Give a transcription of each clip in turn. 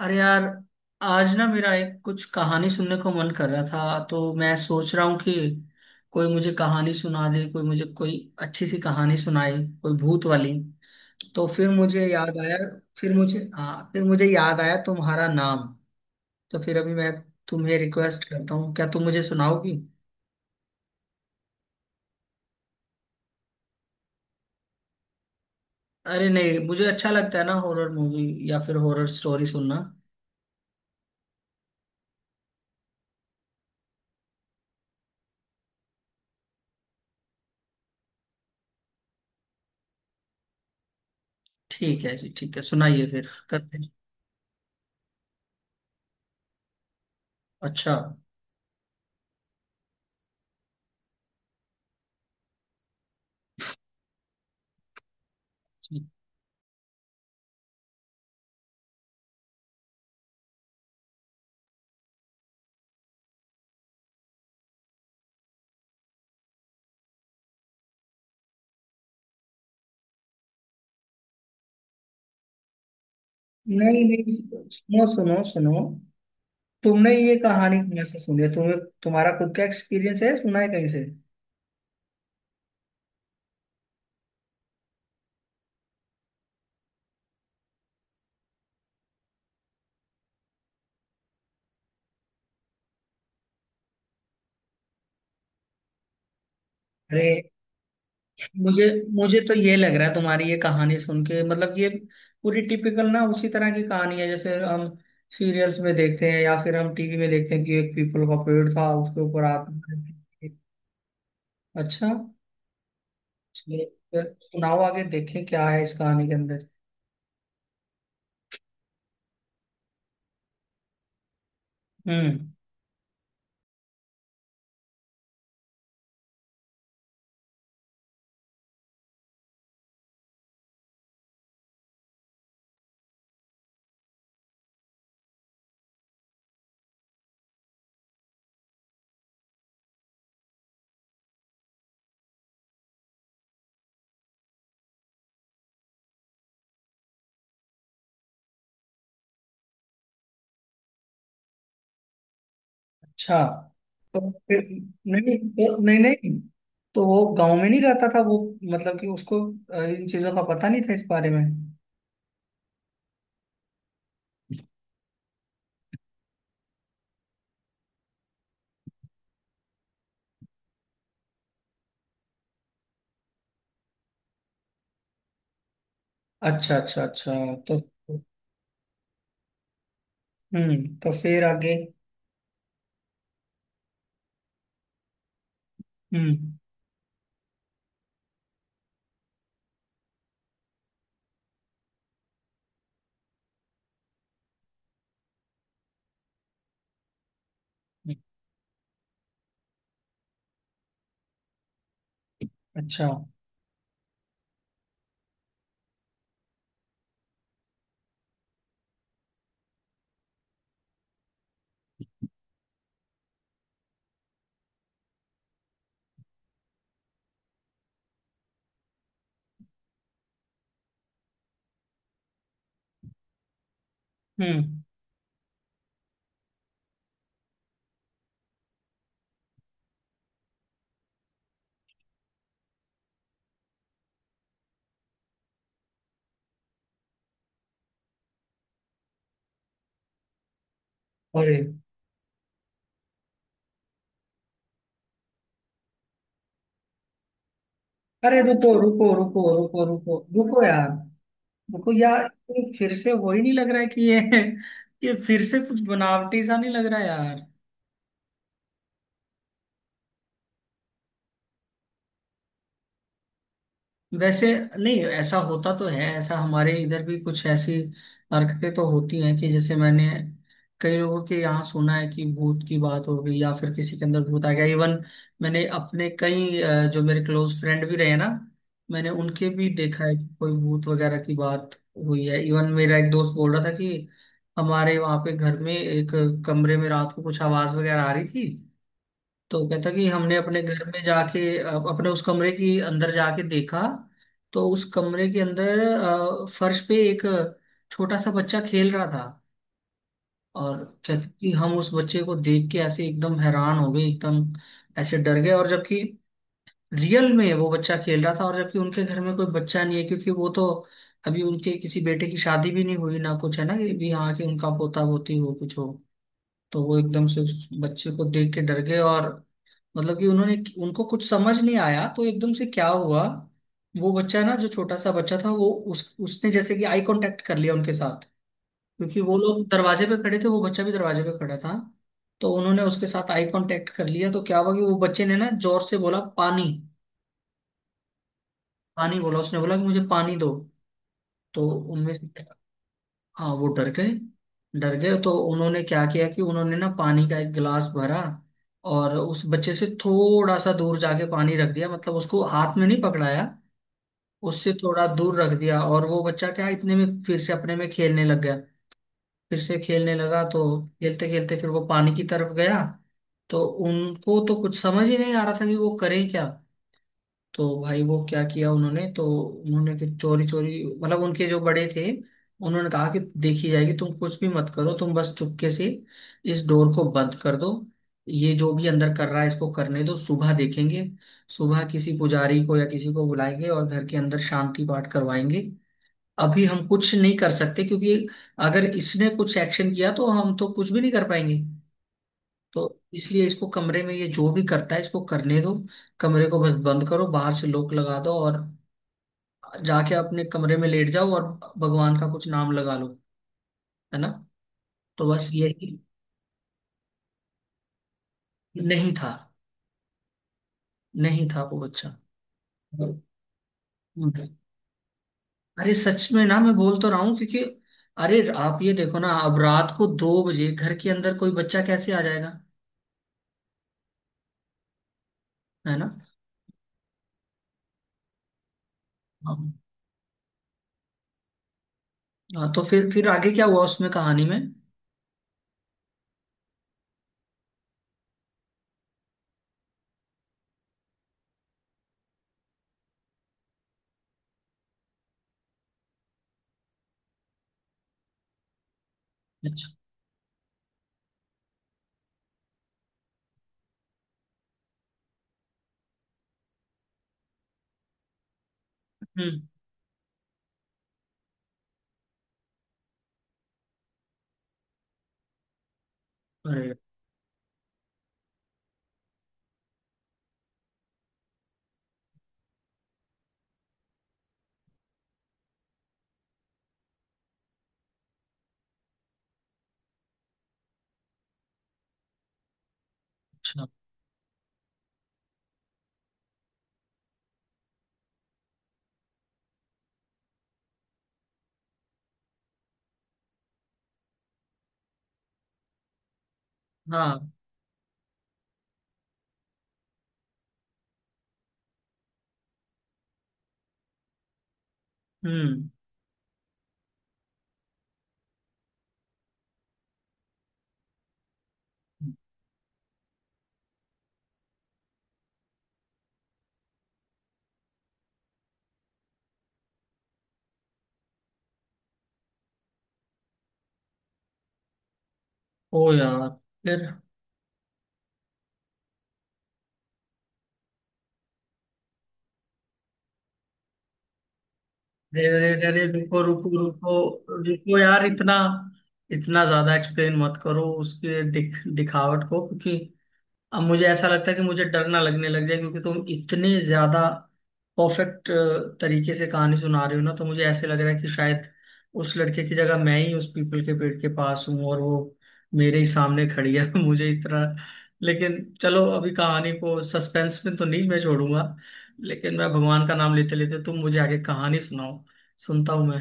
अरे यार, आज ना मेरा एक कुछ कहानी सुनने को मन कर रहा था। तो मैं सोच रहा हूँ कि कोई मुझे कहानी सुना दे, कोई मुझे कोई अच्छी सी कहानी सुनाए, कोई भूत वाली। तो फिर मुझे याद आया। फिर मुझे हाँ फिर मुझे याद आया तुम्हारा नाम। तो फिर अभी मैं तुम्हें रिक्वेस्ट करता हूँ, क्या तुम मुझे सुनाओगी? अरे नहीं, मुझे अच्छा लगता है ना हॉरर मूवी या फिर हॉरर स्टोरी सुनना। ठीक है जी, ठीक है, सुनाइए फिर, करते हैं। अच्छा। ठीक। नहीं नहीं, सुनो सुनो सुनो, तुमने ये कहानी कहाँ से सुनी है? तुम्हें, तुम्हारा खुद का एक्सपीरियंस है, सुना है कहीं से? अरे, मुझे मुझे तो ये लग रहा है तुम्हारी ये कहानी सुन के, मतलब ये पूरी टिपिकल ना उसी तरह की कहानी है जैसे हम सीरियल्स में देखते हैं या फिर हम टीवी में देखते हैं कि एक पीपल का पेड़ था उसके ऊपर आत्मा रहती थी। अच्छा, चलिए, फिर सुनाओ आगे, देखें क्या है इस कहानी के अंदर। हम्म। अच्छा। तो फिर, नहीं नहीं, तो वो गांव में नहीं रहता था वो, मतलब कि उसको इन चीजों का पता नहीं था, इस बारे में? अच्छा अच्छा अच्छा। तो तो फिर आगे? हम्म। अच्छा। हम्म। अरे अरे, रुको रुको रुको रुको रुको रुको यार, रुको यार। ये फिर से वही नहीं लग रहा है कि ये ये फिर से कुछ बनावटी सा नहीं लग रहा है यार? वैसे नहीं, ऐसा होता तो है, ऐसा हमारे इधर भी कुछ ऐसी हरकतें तो होती हैं। कि जैसे मैंने कई लोगों के यहाँ सुना है कि भूत की बात हो गई या फिर किसी के अंदर भूत आ गया। इवन मैंने अपने कई जो मेरे क्लोज फ्रेंड भी रहे ना, मैंने उनके भी देखा है कि कोई भूत वगैरह की बात हुई है। इवन मेरा एक दोस्त बोल रहा था कि हमारे वहाँ पे घर में एक कमरे में रात को कुछ आवाज वगैरह आ रही थी। तो कहता कि हमने अपने घर में जाके अपने उस कमरे के अंदर जाके देखा। तो उस कमरे के अंदर फर्श पे एक छोटा सा बच्चा खेल रहा था। और कहता कि हम उस बच्चे को देख के ऐसे एकदम हैरान हो गए, एकदम ऐसे डर गए। और जबकि रियल में वो बच्चा खेल रहा था, और जबकि उनके घर में कोई बच्चा नहीं है, क्योंकि वो तो अभी उनके किसी बेटे की शादी भी नहीं हुई ना, कुछ है ना कि भी, हाँ, कि उनका पोता पोती हो, कुछ हो। तो वो एकदम से उस बच्चे को देख के डर गए। और मतलब कि उन्होंने, उनको कुछ समझ नहीं आया, तो एकदम से क्या हुआ, वो बच्चा ना जो छोटा सा बच्चा था, वो उस उसने जैसे कि आई कांटेक्ट कर लिया उनके साथ। क्योंकि वो लोग दरवाजे पे खड़े थे, वो बच्चा भी दरवाजे पे खड़ा था। तो उन्होंने उसके साथ आई कांटेक्ट कर लिया, तो क्या हुआ कि वो बच्चे ने ना जोर से बोला, पानी। पानी बोला उसने, बोला कि मुझे पानी दो। तो उनमें से, हाँ, वो डर गए, डर गए। तो उन्होंने क्या किया कि उन्होंने ना पानी का एक गिलास भरा, और उस बच्चे से थोड़ा सा दूर जाके पानी रख दिया, मतलब उसको हाथ में नहीं पकड़ाया। उससे थोड़ा दूर रख दिया, और वो बच्चा क्या इतने में फिर से अपने में खेलने लग गया। फिर से खेलने लगा, तो खेलते खेलते फिर वो पानी की तरफ गया। तो उनको तो कुछ समझ ही नहीं आ रहा था कि वो करें क्या। तो भाई वो क्या किया उन्होंने, तो उन्होंने फिर चोरी चोरी, मतलब उनके जो बड़े थे, उन्होंने कहा कि देखी जाएगी, तुम कुछ भी मत करो, तुम बस चुपके से इस डोर को बंद कर दो। ये जो भी अंदर कर रहा है, इसको करने दो, सुबह देखेंगे। सुबह किसी पुजारी को या किसी को बुलाएंगे और घर के अंदर शांति पाठ करवाएंगे। अभी हम कुछ नहीं कर सकते क्योंकि अगर इसने कुछ एक्शन किया तो हम तो कुछ भी नहीं कर पाएंगे। तो इसलिए इसको कमरे में, ये जो भी करता है इसको करने दो। कमरे को बस बंद करो, बाहर से लॉक लगा दो, और जाके अपने कमरे में लेट जाओ और भगवान का कुछ नाम लगा लो, है ना? तो बस यही। नहीं था। नहीं था वो बच्चा। अरे सच में ना, मैं बोल तो रहा हूँ क्योंकि अरे, आप ये देखो ना, अब रात को दो बजे घर के अंदर कोई बच्चा कैसे आ जाएगा, है ना? हाँ। हाँ, तो फिर आगे क्या हुआ उसमें कहानी में? अच्छा। हम्म। अरे। अच्छा। हाँ। हम्म। ओ यार। फिर। अरे अरे अरे, रुको रुको रुको रुको यार। इतना इतना ज्यादा एक्सप्लेन मत करो उसके दिखावट को, क्योंकि अब मुझे ऐसा लगता है कि मुझे डर ना लगने लग जाए। क्योंकि तुम इतने ज्यादा परफेक्ट तरीके से कहानी सुना रहे हो ना, तो मुझे ऐसे लग रहा है कि शायद उस लड़के की जगह मैं ही उस पीपल के पेड़ के पास हूँ और वो मेरे ही सामने खड़ी है मुझे, इस तरह। लेकिन चलो, अभी कहानी को सस्पेंस में तो नहीं मैं छोड़ूंगा। लेकिन मैं भगवान का नाम लेते लेते, तुम मुझे आगे कहानी सुनाओ, सुनता हूँ मैं।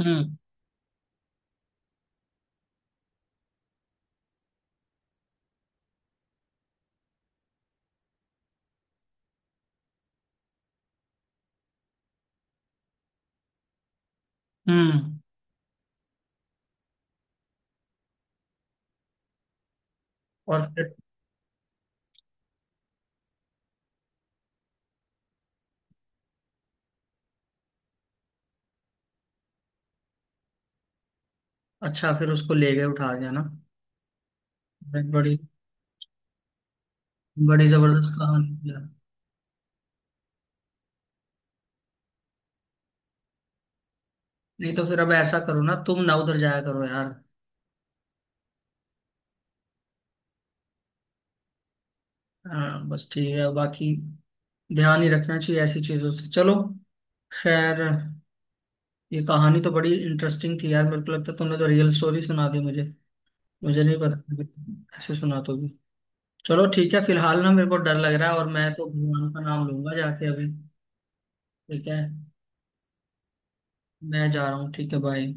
हम्म। हम्म। और फिर? अच्छा, फिर उसको ले गए, उठा गया ना? बड़ी, बड़ी जबरदस्त कहानी है। नहीं, तो फिर अब ऐसा करो ना, तुम ना उधर जाया करो यार। हाँ बस, ठीक है, बाकी ध्यान ही रखना चाहिए ऐसी चीजों से। चलो, खैर, ये कहानी तो बड़ी इंटरेस्टिंग थी यार। मेरे को लगता है तुमने तो रियल स्टोरी सुना दी मुझे। मुझे नहीं पता कि ऐसे सुना दोगी। चलो ठीक है, फिलहाल ना मेरे को डर लग रहा है और मैं तो भगवान का नाम लूंगा जाके अभी। ठीक है, मैं जा रहा हूँ, ठीक है, बाय।